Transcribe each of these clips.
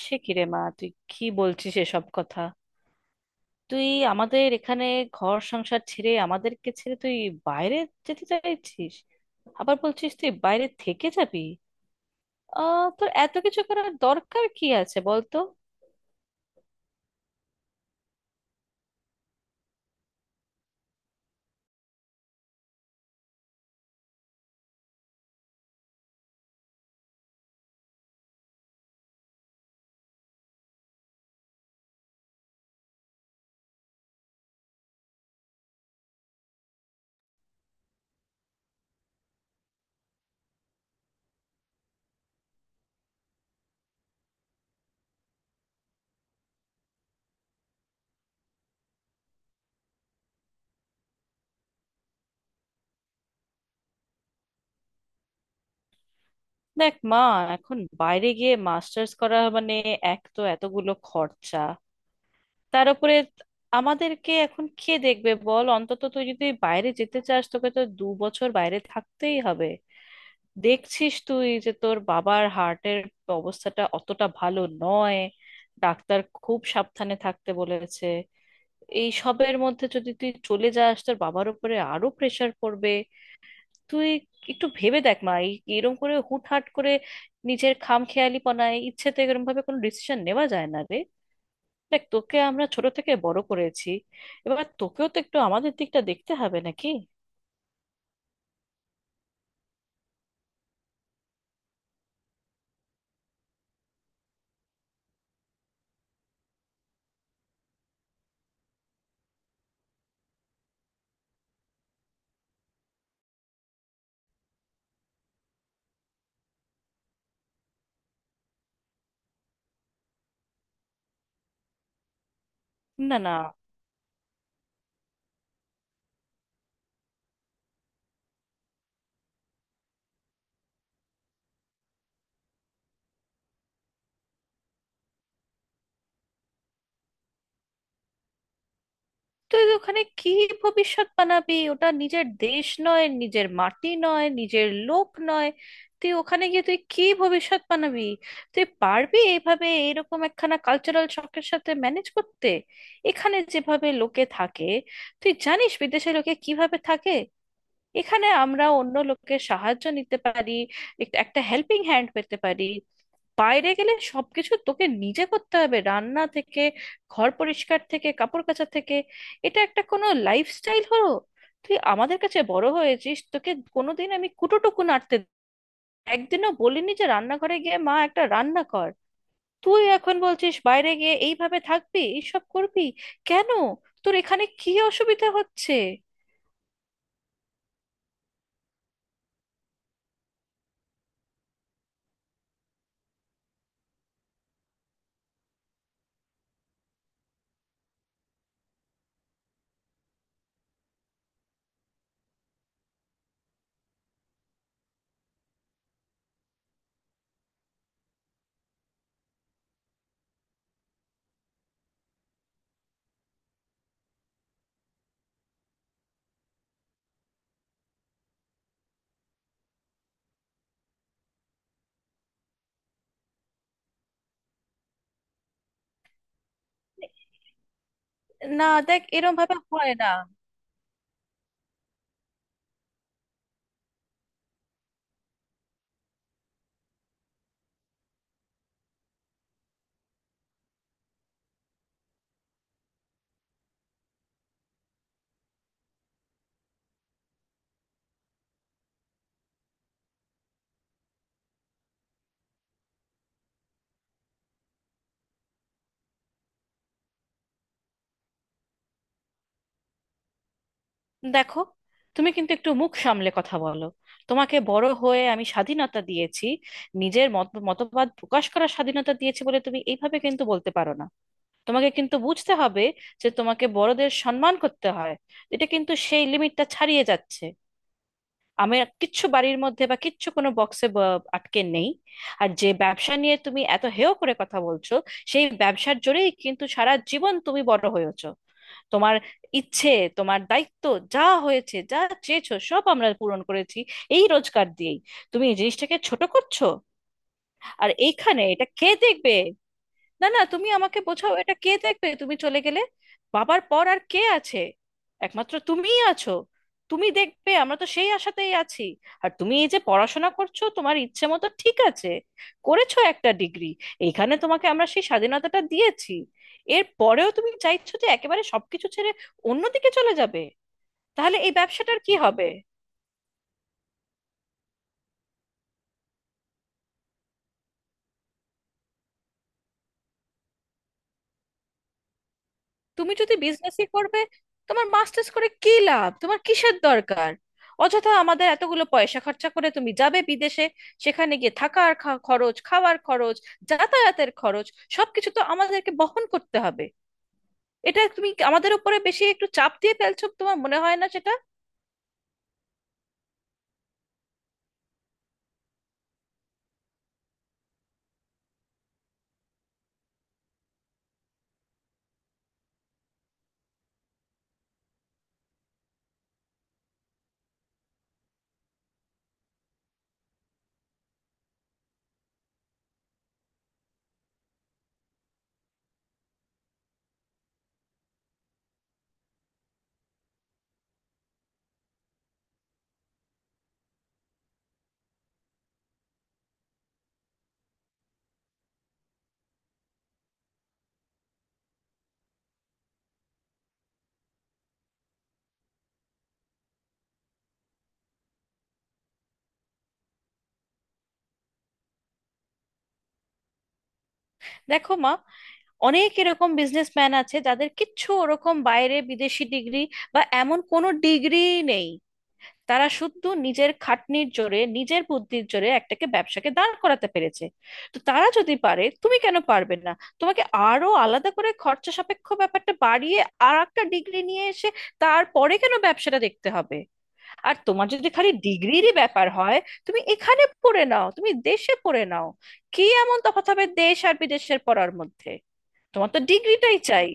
সে কি রে মা, তুই কি বলছিস এসব কথা? তুই আমাদের এখানে ঘর সংসার ছেড়ে, আমাদেরকে ছেড়ে তুই বাইরে যেতে চাইছিস? আবার বলছিস তুই বাইরে থেকে যাবি? আহ, তোর এত কিছু করার দরকার কি আছে বলতো? দেখ মা, এখন বাইরে গিয়ে মাস্টার্স করা মানে এক তো এতগুলো খরচা, তার উপরে আমাদেরকে এখন কে দেখবে বল? অন্তত তুই যদি বাইরে যেতে চাস, তোকে তো 2 বছর বাইরে থাকতেই হবে। দেখছিস তুই যে তোর বাবার হার্টের অবস্থাটা অতটা ভালো নয়, ডাক্তার খুব সাবধানে থাকতে বলেছে। এই সবের মধ্যে যদি তুই চলে যাস, তোর বাবার উপরে আরো প্রেশার পড়বে। তুই একটু ভেবে দেখ মা, এরম করে হুটহাট করে নিজের খামখেয়ালিপনায় ইচ্ছেতে এরম ভাবে কোনো ডিসিশন নেওয়া যায় না রে। দেখ, তোকে আমরা ছোট থেকে বড় করেছি, এবার তোকেও তো একটু আমাদের দিকটা দেখতে হবে নাকি? না না তুই ওখানে কি ভবিষ্যৎ বানাবি? ওটা নিজের দেশ নয়, নিজের মাটি নয়, নিজের লোক নয়। তুই ওখানে গিয়ে তুই কি ভবিষ্যৎ বানাবি? তুই পারবি এভাবে এরকম একখানা কালচারাল শকের সাথে ম্যানেজ করতে? এখানে যেভাবে লোকে থাকে, তুই জানিস বিদেশে লোকে কিভাবে থাকে? এখানে আমরা অন্য লোকের সাহায্য নিতে পারি, একটা হেল্পিং হ্যান্ড পেতে পারি। বাইরে গেলে সবকিছু তোকে নিজে করতে হবে, রান্না থেকে ঘর পরিষ্কার থেকে কাপড় কাচা থেকে। এটা একটা কোনো লাইফস্টাইল হলো? তুই আমাদের কাছে বড় হয়েছিস, তোকে কোনোদিন আমি কুটোটুকু নাড়তে একদিনও বলিনি যে রান্নাঘরে গিয়ে মা একটা রান্না কর। তুই এখন বলছিস বাইরে গিয়ে এইভাবে থাকবি, এইসব করবি? কেন? তোর এখানে কি অসুবিধা হচ্ছে? না, দেখ, এরম ভাবে হয় না। দেখো, তুমি কিন্তু একটু মুখ সামলে কথা বলো। তোমাকে বড় হয়ে আমি স্বাধীনতা দিয়েছি, নিজের মত মতবাদ প্রকাশ করার স্বাধীনতা দিয়েছি বলে তুমি এইভাবে কিন্তু বলতে পারো না। তোমাকে কিন্তু বুঝতে হবে যে তোমাকে বড়দের সম্মান করতে হয়। এটা কিন্তু সেই লিমিটটা ছাড়িয়ে যাচ্ছে। আমি কিচ্ছু বাড়ির মধ্যে বা কিচ্ছু কোনো বক্সে আটকে নেই। আর যে ব্যবসা নিয়ে তুমি এত হেয় করে কথা বলছো, সেই ব্যবসার জোরেই কিন্তু সারা জীবন তুমি বড় হয়েছো। তোমার ইচ্ছে, তোমার দায়িত্ব, যা হয়েছে, যা চেয়েছো সব আমরা পূরণ করেছি এই রোজগার দিয়েই। তুমি এই জিনিসটাকে ছোট করছো। আর এইখানে এটা কে দেখবে? না না তুমি আমাকে বোঝাও, এটা কে দেখবে তুমি চলে গেলে? বাবার পর আর কে আছে? একমাত্র তুমিই আছো, তুমি দেখবে, আমরা তো সেই আশাতেই আছি। আর তুমি এই যে পড়াশোনা করছো তোমার ইচ্ছে মতো, ঠিক আছে, করেছো একটা ডিগ্রি, এখানে তোমাকে আমরা সেই স্বাধীনতাটা দিয়েছি। এর পরেও তুমি চাইছো যে একেবারে সবকিছু ছেড়ে অন্যদিকে চলে যাবে? তাহলে এই ব্যবসাটার কি হবে? তুমি যদি বিজনেসই করবে, তোমার মাস্টার্স করে কি লাভ? তোমার কিসের দরকার অযথা আমাদের এতগুলো পয়সা খরচা করে তুমি যাবে বিদেশে? সেখানে গিয়ে থাকার খরচ, খাওয়ার খরচ, যাতায়াতের খরচ, সবকিছু তো আমাদেরকে বহন করতে হবে। এটা তুমি আমাদের উপরে বেশি একটু চাপ দিয়ে ফেলছো, তোমার মনে হয় না সেটা? দেখো মা, অনেক এরকম বিজনেসম্যান আছে যাদের কিচ্ছু ওরকম বাইরে বিদেশি ডিগ্রি বা এমন কোনো ডিগ্রি নেই, তারা শুধু নিজের খাটনির জোরে, নিজের বুদ্ধির জোরে একটাকে ব্যবসাকে দাঁড় করাতে পেরেছে। তো তারা যদি পারে, তুমি কেন পারবে না? তোমাকে আরো আলাদা করে খরচা সাপেক্ষ ব্যাপারটা বাড়িয়ে আর একটা ডিগ্রি নিয়ে এসে তারপরে কেন ব্যবসাটা দেখতে হবে? আর তোমার যদি খালি ডিগ্রিরই ব্যাপার হয়, তুমি এখানে পড়ে নাও, তুমি দেশে পড়ে নাও। কি এমন তফাৎ হবে দেশ আর বিদেশের পড়ার মধ্যে? তোমার তো ডিগ্রিটাই চাই।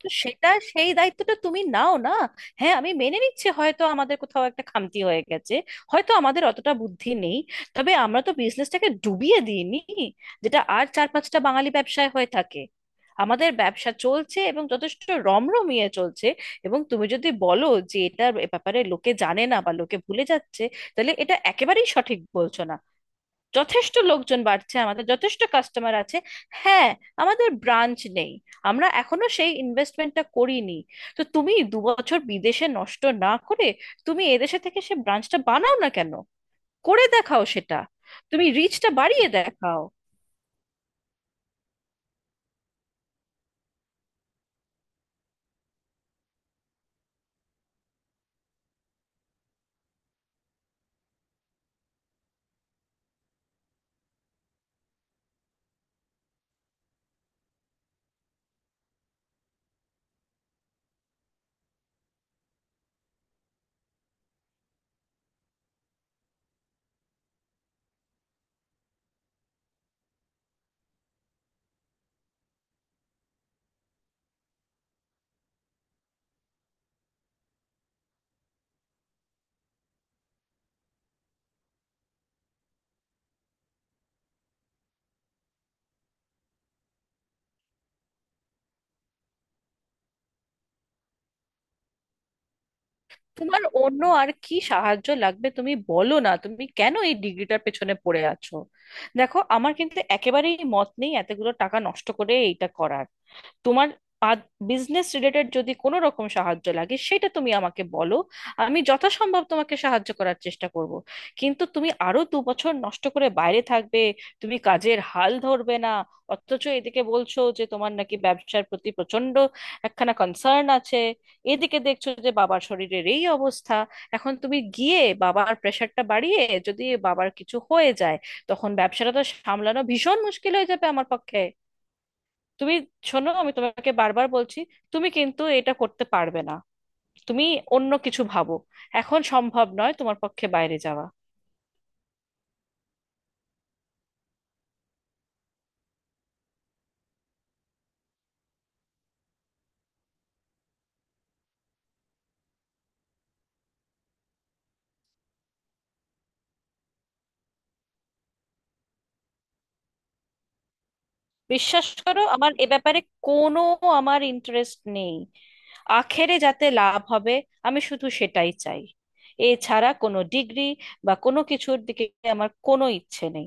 তো সেটা সেই দায়িত্বটা তুমি নাও না। হ্যাঁ, আমি মেনে নিচ্ছি হয়তো আমাদের কোথাও একটা খামতি হয়ে গেছে, হয়তো আমাদের অতটা বুদ্ধি নেই, তবে আমরা তো বিজনেসটাকে ডুবিয়ে দিইনি, যেটা আর 4-5টা বাঙালি ব্যবসায় হয়ে থাকে। আমাদের ব্যবসা চলছে, এবং যথেষ্ট রমরমিয়ে চলছে। এবং তুমি যদি বলো যে এটার ব্যাপারে লোকে জানে না বা লোকে ভুলে যাচ্ছে, তাহলে এটা একেবারেই সঠিক বলছো না। যথেষ্ট লোকজন বাড়ছে, আমাদের যথেষ্ট কাস্টমার আছে। হ্যাঁ, আমাদের ব্রাঞ্চ নেই, আমরা এখনো সেই ইনভেস্টমেন্টটা করিনি। তো তুমি 2 বছর বিদেশে নষ্ট না করে তুমি এদেশে থেকে সে ব্রাঞ্চটা বানাও না কেন? করে দেখাও সেটা। তুমি রিচটা বাড়িয়ে দেখাও। তোমার অন্য আর কি সাহায্য লাগবে তুমি বলো না, তুমি কেন এই ডিগ্রিটার পেছনে পড়ে আছো? দেখো, আমার কিন্তু একেবারেই মত নেই এতগুলো টাকা নষ্ট করে এইটা করার। তোমার বিজনেস রিলেটেড যদি কোনো রকম সাহায্য লাগে, সেটা তুমি আমাকে বলো, আমি যথাসম্ভব তোমাকে সাহায্য করার চেষ্টা করব। কিন্তু তুমি আরো 2 বছর নষ্ট করে বাইরে থাকবে, তুমি কাজের হাল ধরবে না, অথচ এদিকে বলছো যে তোমার নাকি ব্যবসার প্রতি প্রচন্ড একখানা কনসার্ন আছে। এদিকে দেখছো যে বাবার শরীরের এই অবস্থা, এখন তুমি গিয়ে বাবার প্রেশারটা বাড়িয়ে যদি বাবার কিছু হয়ে যায়, তখন ব্যবসাটা তো সামলানো ভীষণ মুশকিল হয়ে যাবে আমার পক্ষে। তুমি শোনো, আমি তোমাকে বারবার বলছি, তুমি কিন্তু এটা করতে পারবে না। তুমি অন্য কিছু ভাবো, এখন সম্ভব নয় তোমার পক্ষে বাইরে যাওয়া। বিশ্বাস করো, আমার এ ব্যাপারে কোনো, আমার ইন্টারেস্ট নেই। আখেরে যাতে লাভ হবে আমি শুধু সেটাই চাই। এছাড়া কোনো ডিগ্রি বা কোনো কিছুর দিকে আমার কোনো ইচ্ছে নেই।